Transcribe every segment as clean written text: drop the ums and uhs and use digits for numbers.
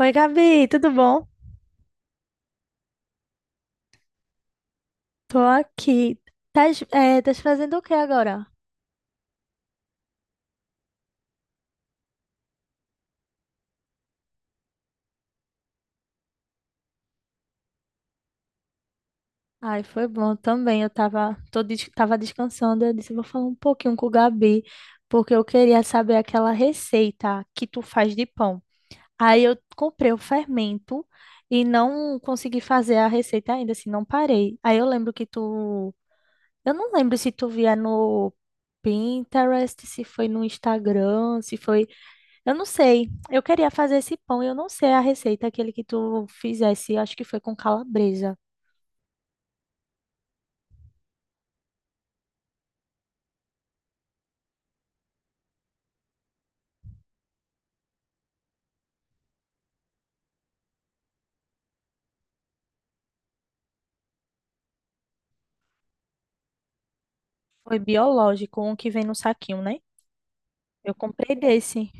Oi, Gabi, tudo bom? Tô aqui. Tás fazendo o que agora? Ai, foi bom também. Eu tava descansando. Eu disse, vou falar um pouquinho com o Gabi, porque eu queria saber aquela receita que tu faz de pão. Aí eu comprei o fermento e não consegui fazer a receita ainda, assim, não parei. Aí eu lembro que tu. Eu não lembro se tu via no Pinterest, se foi no Instagram, se foi. Eu não sei. Eu queria fazer esse pão e eu não sei a receita, aquele que tu fizesse. Acho que foi com calabresa. Foi biológico, um que vem no saquinho, né? Eu comprei desse.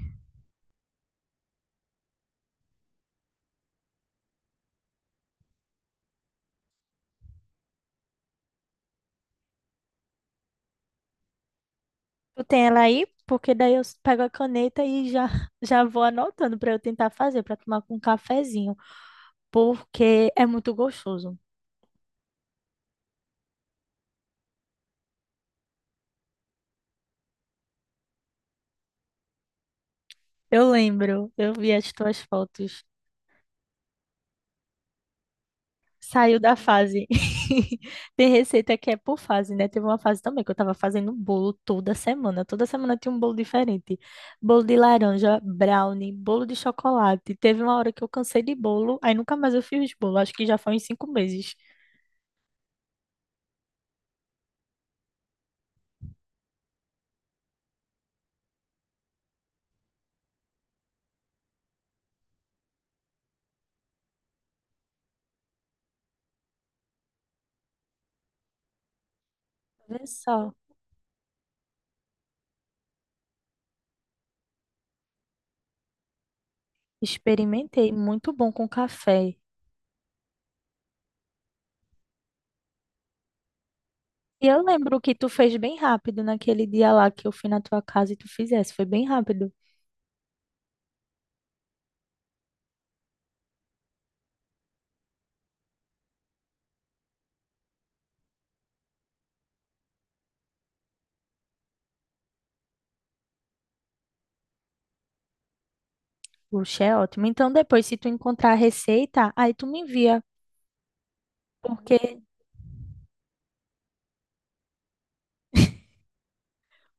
Tu tem ela aí? Porque daí eu pego a caneta e já, já vou anotando para eu tentar fazer, para tomar com um cafezinho. Porque é muito gostoso. Eu lembro, eu vi as tuas fotos. Saiu da fase. Tem receita que é por fase, né? Teve uma fase também que eu tava fazendo bolo toda semana. Toda semana tinha um bolo diferente. Bolo de laranja, brownie, bolo de chocolate. Teve uma hora que eu cansei de bolo, aí nunca mais eu fiz bolo. Acho que já foi uns 5 meses. Vê só. Experimentei, muito bom com café. E eu lembro que tu fez bem rápido naquele dia lá que eu fui na tua casa e tu fizesse. Foi bem rápido. Puxa, é ótimo. Então, depois, se tu encontrar a receita, aí tu me envia. Porque.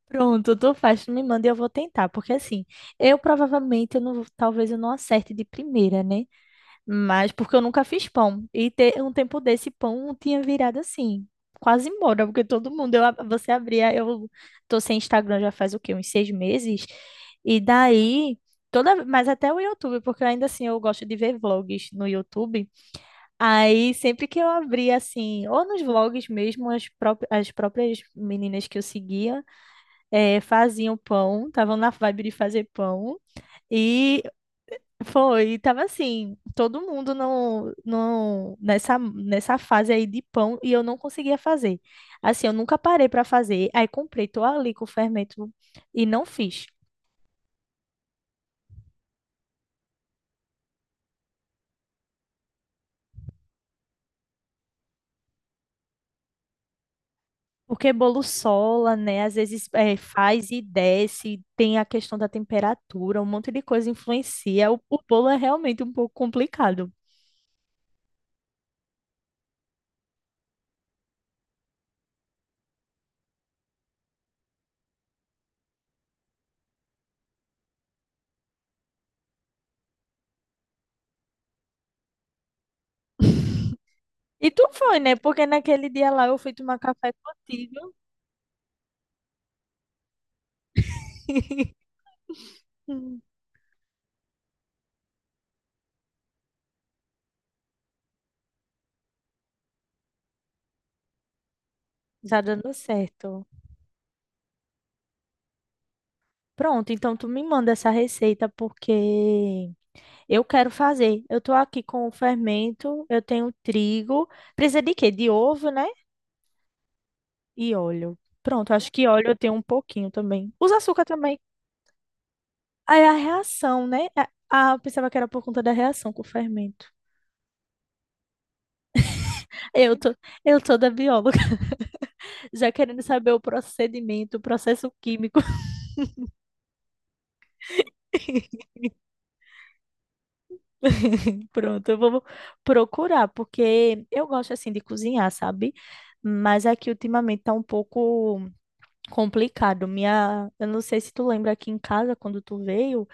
Pronto, tu faz, tu me manda e eu vou tentar, porque assim, eu provavelmente, eu não, talvez eu não acerte de primeira, né? Mas porque eu nunca fiz pão, e ter um tempo desse pão tinha virado assim, quase embora, porque todo mundo, eu, você abria, eu tô sem Instagram já faz o quê, uns 6 meses? E daí, toda, mas até o YouTube, porque ainda assim eu gosto de ver vlogs no YouTube. Aí, sempre que eu abria, assim, ou nos vlogs mesmo, as próprias meninas que eu seguia é, faziam pão, estavam na vibe de fazer pão, e foi, tava assim, todo mundo no, nessa fase aí de pão, e eu não conseguia fazer. Assim, eu nunca parei para fazer, aí comprei, tô ali com o fermento e não fiz. Porque bolo sola, né? Às vezes é, faz e desce, tem a questão da temperatura, um monte de coisa influencia. O bolo é realmente um pouco complicado. E tu foi, né? Porque naquele dia lá eu fui tomar café contigo. Hum. Tá dando certo. Pronto, então tu me manda essa receita porque eu quero fazer. Eu tô aqui com o fermento, eu tenho trigo. Precisa de quê? De ovo, né? E óleo. Pronto, acho que óleo eu tenho um pouquinho também. Usa açúcar também. Aí a reação, né? Ah, eu pensava que era por conta da reação com o fermento. Eu tô, eu tô da bióloga, já querendo saber o procedimento, o processo químico. Pronto, eu vou procurar, porque eu gosto assim de cozinhar, sabe? Mas aqui ultimamente tá um pouco complicado. Minha, eu não sei se tu lembra aqui em casa quando tu veio,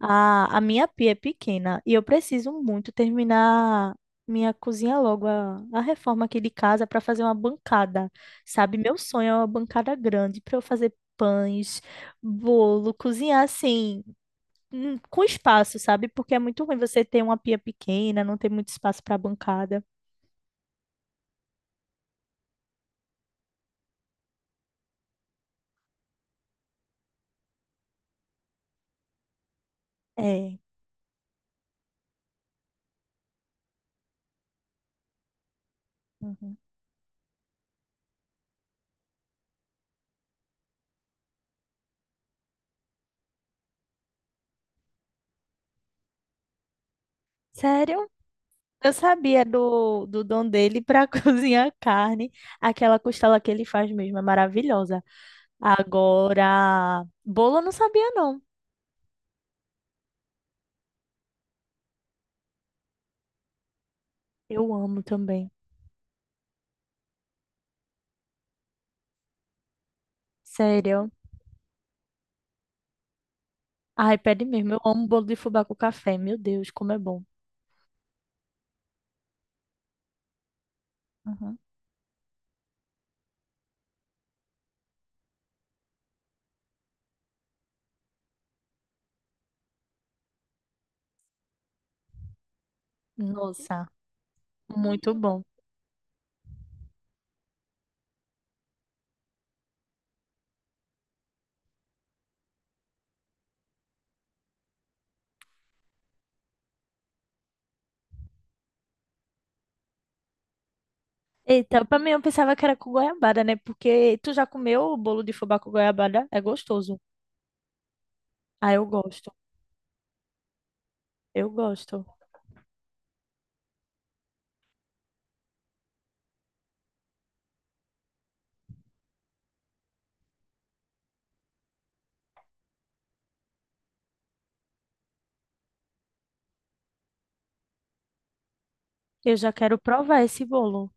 a minha pia é pequena e eu preciso muito terminar minha cozinha logo, a reforma aqui de casa para fazer uma bancada, sabe? Meu sonho é uma bancada grande para eu fazer pães, bolo, cozinhar assim com espaço, sabe? Porque é muito ruim você ter uma pia pequena, não ter muito espaço para bancada. É. Uhum. Sério? Eu sabia do dom dele para cozinhar carne. Aquela costela que ele faz mesmo é maravilhosa. Agora, bolo eu não sabia, não. Eu amo também. Sério. Ai, pede mesmo. Eu amo bolo de fubá com café. Meu Deus, como é bom. Uhum. Nossa, muito bom. Eita, pra mim eu pensava que era com goiabada, né? Porque tu já comeu o bolo de fubá com goiabada? É gostoso. Ah, eu gosto. Eu gosto. Eu já quero provar esse bolo.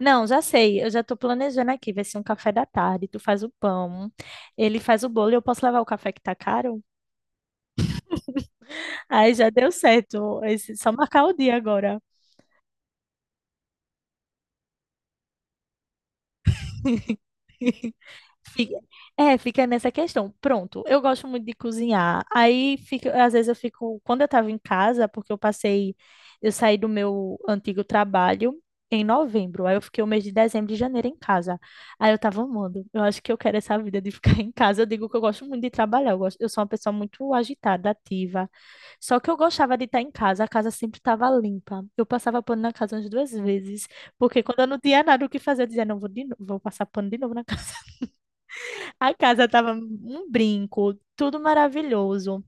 Não, já sei. Eu já tô planejando aqui. Vai ser um café da tarde. Tu faz o pão, ele faz o bolo e eu posso levar o café que tá caro? Aí já deu certo. Esse- só marcar o dia agora. Fica- é, fica nessa questão. Pronto, eu gosto muito de cozinhar. Aí, fica, às vezes eu fico, quando eu estava em casa, porque eu passei, eu saí do meu antigo trabalho em novembro. Aí eu fiquei o mês de dezembro e janeiro em casa. Aí eu tava amando. Eu acho que eu quero essa vida de ficar em casa. Eu digo que eu gosto muito de trabalhar. Eu gosto, eu sou uma pessoa muito agitada, ativa. Só que eu gostava de estar em casa. A casa sempre estava limpa. Eu passava pano na casa umas 2 vezes, porque quando eu não tinha nada o que fazer, eu dizia, não, vou de novo, vou passar pano de novo na casa. A casa tava um brinco, tudo maravilhoso,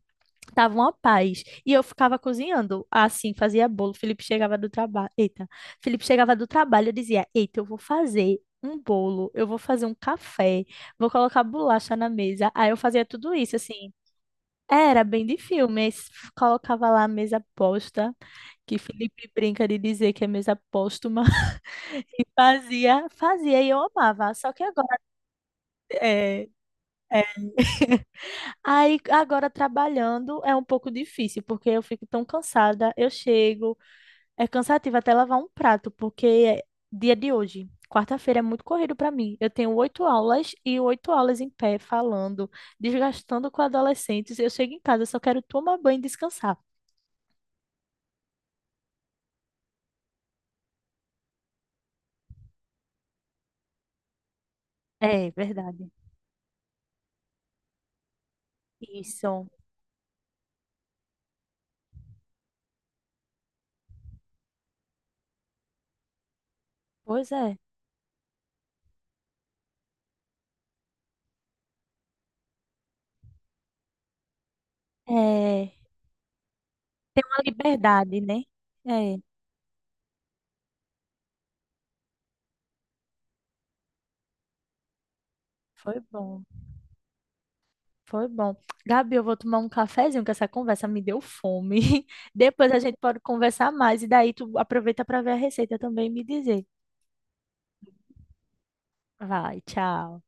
tava uma paz. E eu ficava cozinhando, assim, fazia bolo. Felipe chegava do trabalho, eu dizia, eita, eu vou fazer um bolo, eu vou fazer um café, vou colocar bolacha na mesa. Aí eu fazia tudo isso, assim. Era bem de filme, colocava lá a mesa posta, que Felipe brinca de dizer que é mesa póstuma, e fazia, fazia e eu amava. Só que agora, é, aí agora trabalhando é um pouco difícil, porque eu fico tão cansada. Eu chego, é cansativo até lavar um prato, porque é dia de hoje, quarta-feira, é muito corrido para mim. Eu tenho 8 aulas e 8 aulas em pé, falando, desgastando com adolescentes. Eu chego em casa, eu só quero tomar banho e descansar. É verdade. Isso, pois é. É, tem uma liberdade, né? É, foi bom. Foi bom. Gabi, eu vou tomar um cafezinho, que essa conversa me deu fome. Depois a gente pode conversar mais e daí tu aproveita para ver a receita também e me dizer. Vai, tchau.